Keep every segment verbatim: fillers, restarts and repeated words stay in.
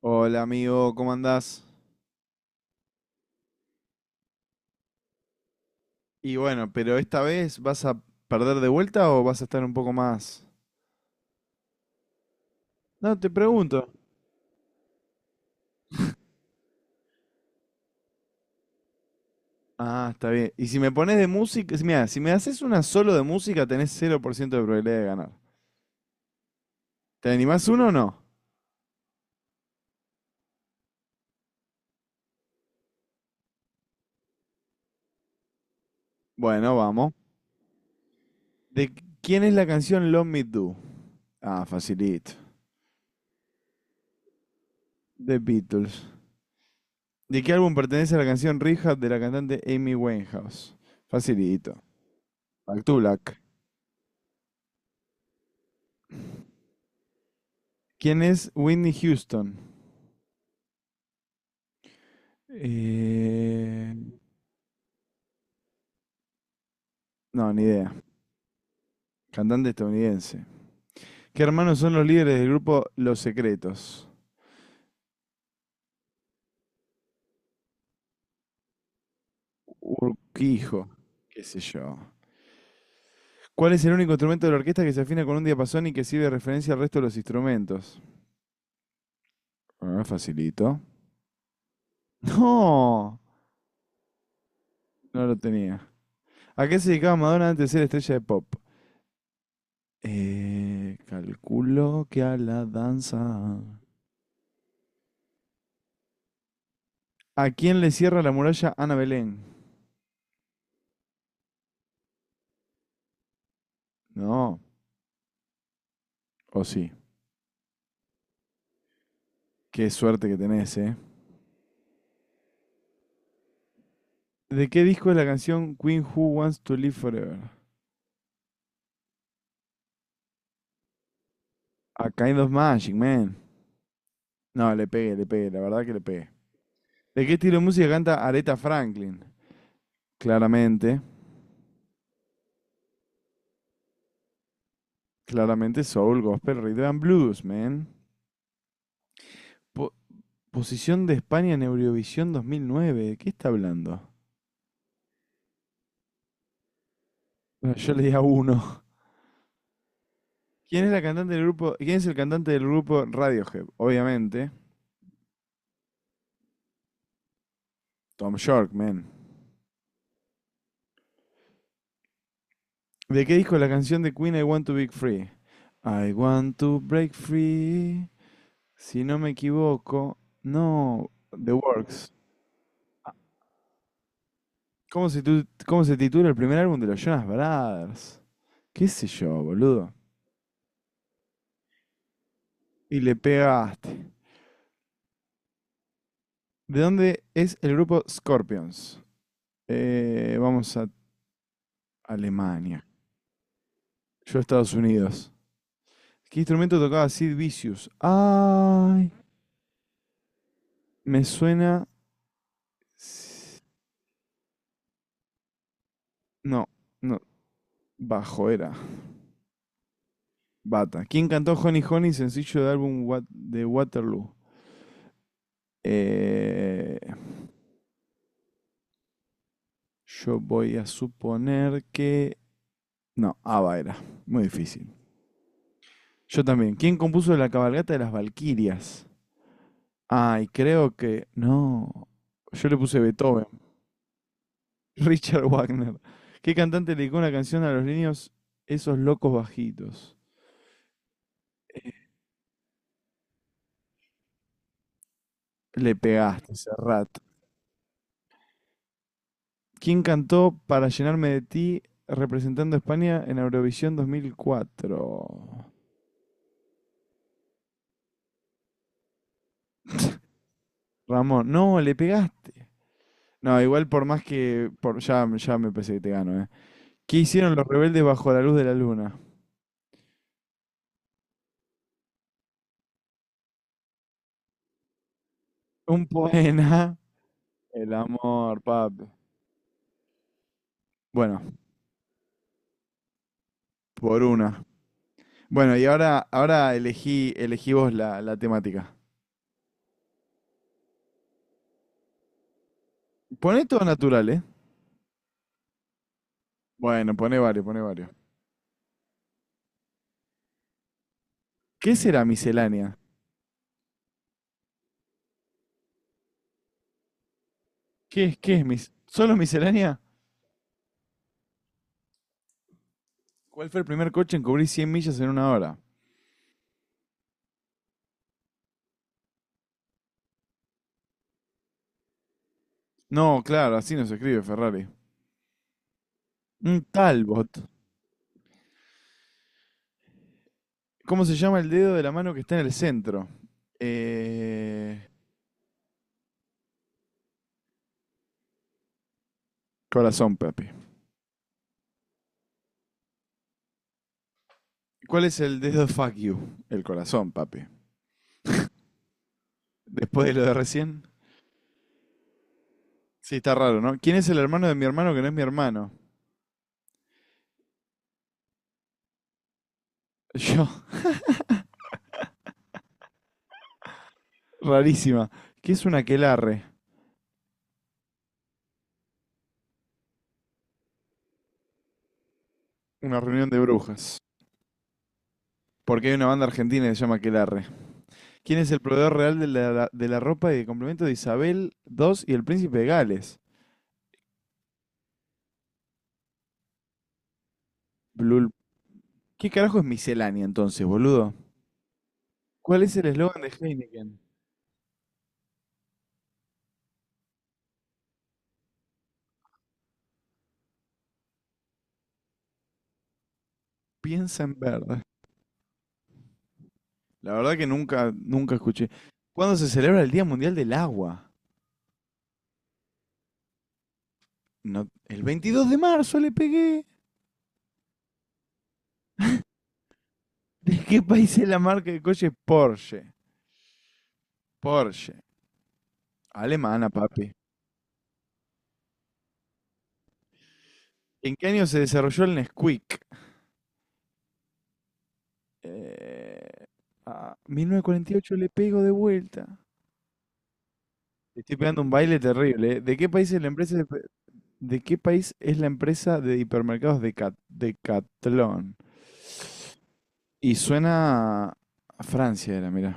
Hola amigo, ¿cómo andás? Y bueno, pero esta vez vas a perder de vuelta o vas a estar un poco más... No, te pregunto. Ah, está bien. Y si me pones de música, mira, si me haces una solo de música tenés cero por ciento de probabilidad de ganar. ¿Te animás uno o no? Bueno, vamos. ¿De qu- ¿Quién es la canción Love Me Do? Ah, facilito. The Beatles. ¿De qué álbum pertenece la canción Rehab de la cantante Amy Winehouse? Facilito. Back to Black. ¿Quién es Whitney Houston? Eh, no, ni idea. Cantante estadounidense. ¿Qué hermanos son los líderes del grupo Los Secretos? Urquijo, qué sé yo. ¿Cuál es el único instrumento de la orquesta que se afina con un diapasón y que sirve de referencia al resto de los instrumentos? Ah, facilito. No, no lo tenía. ¿A qué se dedicaba Madonna antes de ser estrella de pop? Eh, calculo que a la danza. ¿A quién le cierra la muralla Ana Belén? No, o sí. Qué suerte que tenés, ¿eh? ¿De qué disco es la canción Queen Who Wants to Live Forever? A Kind of Magic, man. No, le pegué, le pegué, la verdad que le pegué. ¿De qué estilo de música canta Aretha Franklin? Claramente, claramente soul, gospel, rhythm and blues, man. Po- Posición de España en Eurovisión dos mil nueve. ¿De qué está hablando? Bueno, yo le di a uno. ¿Quién es la cantante del grupo? ¿Quién es el cantante del grupo Radiohead? Obviamente, Tom York, man. ¿De qué disco es la canción de Queen I Want to Break Free? I want to break free. Si no me equivoco, no, The Works. ¿Cómo se, tu- ¿cómo se titula el primer álbum de los Jonas Brothers? ¿Qué sé yo, boludo? Y le pegaste. ¿De dónde es el grupo Scorpions? Eh, vamos a Alemania. Yo a Estados Unidos. ¿Qué instrumento tocaba Sid Vicious? Ay, me suena... s- No, no, bajo era. Bata. ¿Quién cantó Honey Honey, sencillo del álbum Wat- de Waterloo? Eh, Yo voy a suponer que... No, Ava era. Muy difícil. Yo también. ¿Quién compuso la cabalgata de las Valquirias? Ay, creo que... No. Yo le puse Beethoven. Richard Wagner. ¿Qué cantante le dedicó una canción a los niños esos locos bajitos? Le pegaste, Serrat. ¿Quién cantó Para llenarme de ti representando a España en Eurovisión dos mil cuatro? Ramón. No, le pegaste. No, igual por más que... Por, ya, ya me pensé que te gano, ¿eh? ¿Qué hicieron los rebeldes bajo la luz de la luna? Un poema. El amor, papi. Bueno, por una. Bueno, y ahora, ahora elegí, elegí vos la, la temática. Poné todo natural, ¿eh? Bueno, poné varios, poné varios. ¿Qué será miscelánea? ¿Qué es, qué es mis... ¿Solo miscelánea? ¿Cuál fue el primer coche en cubrir cien millas en una hora? No, claro, así no se escribe Ferrari. Un Talbot. ¿Cómo se llama el dedo de la mano que está en el centro? Eh... Corazón, papi. ¿Cuál es el dedo fuck you? El corazón, papi. Después de lo de recién. Sí, está raro, ¿no? ¿Quién es el hermano de mi hermano que no es mi hermano? Yo, rarísima. ¿Qué es un aquelarre? Una reunión de brujas. Porque hay una banda argentina que se llama Aquelarre. ¿Quién es el proveedor real de la, de la ropa y de complemento de Isabel segunda y el príncipe de Gales? Blul. ¿Qué carajo es miscelánea entonces, boludo? ¿Cuál es el eslogan de Heineken? Piensa en verde. La verdad que nunca, nunca escuché. ¿Cuándo se celebra el Día Mundial del Agua? No, el veintidós de marzo le pegué. ¿De qué país es la marca de coches Porsche? Porsche. Alemana, papi. ¿En qué año se desarrolló el Nesquik? Eh, ah, Mil novecientos cuarenta y ocho le pego de vuelta. Le estoy pegando un baile terrible, eh. ¿De qué país es la empresa de, ¿de qué país es la empresa de hipermercados de Cat- Decathlon? Y suena a Francia era, mira.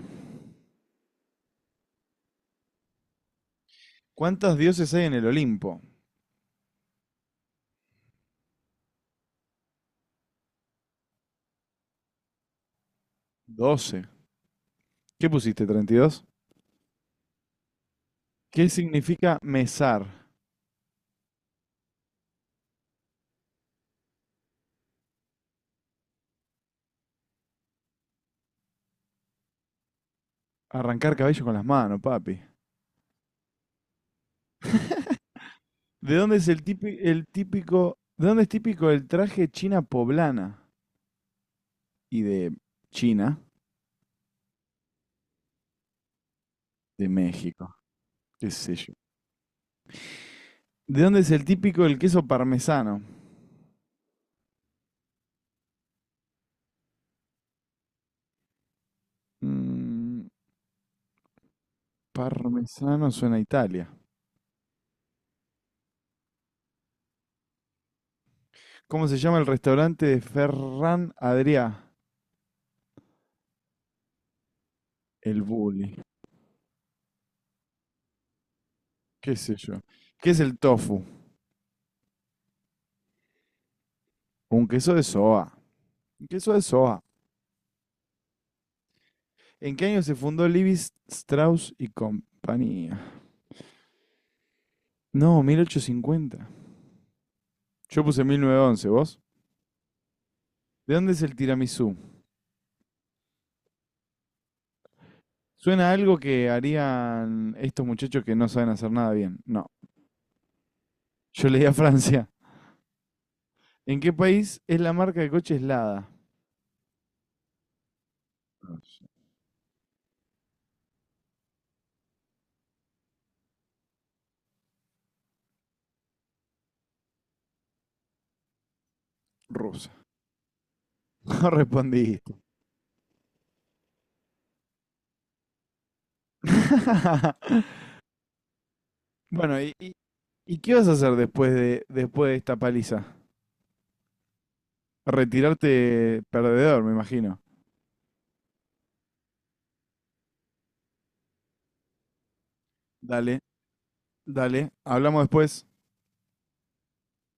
¿Cuántos dioses hay en el Olimpo? Doce. ¿Qué pusiste? Treinta y dos. ¿Qué significa mesar? Arrancar cabello con las manos, papi. ¿De dónde es el típico, el típico, ¿de dónde es típico el traje china poblana? Y de China, de México, qué sé yo. ¿De dónde es el típico el queso parmesano? Mm, parmesano suena a Italia. ¿Cómo se llama el restaurante de Ferran Adrià? El Bully, qué sé yo. ¿Qué es el tofu? Un queso de soja. Un queso de soja. ¿En qué año se fundó Levi Strauss y compañía? No, mil ochocientos cincuenta. Yo puse mil novecientos once. ¿Vos? ¿De dónde es el tiramisú? Suena a algo que harían estos muchachos que no saben hacer nada bien. No. Yo leí a Francia. ¿En qué país es la marca de coches Lada? Rusa. No respondiste. Bueno, ¿y, y- ¿y qué vas a hacer después de, después de esta paliza? Retirarte perdedor, me imagino. Dale, dale. Hablamos después.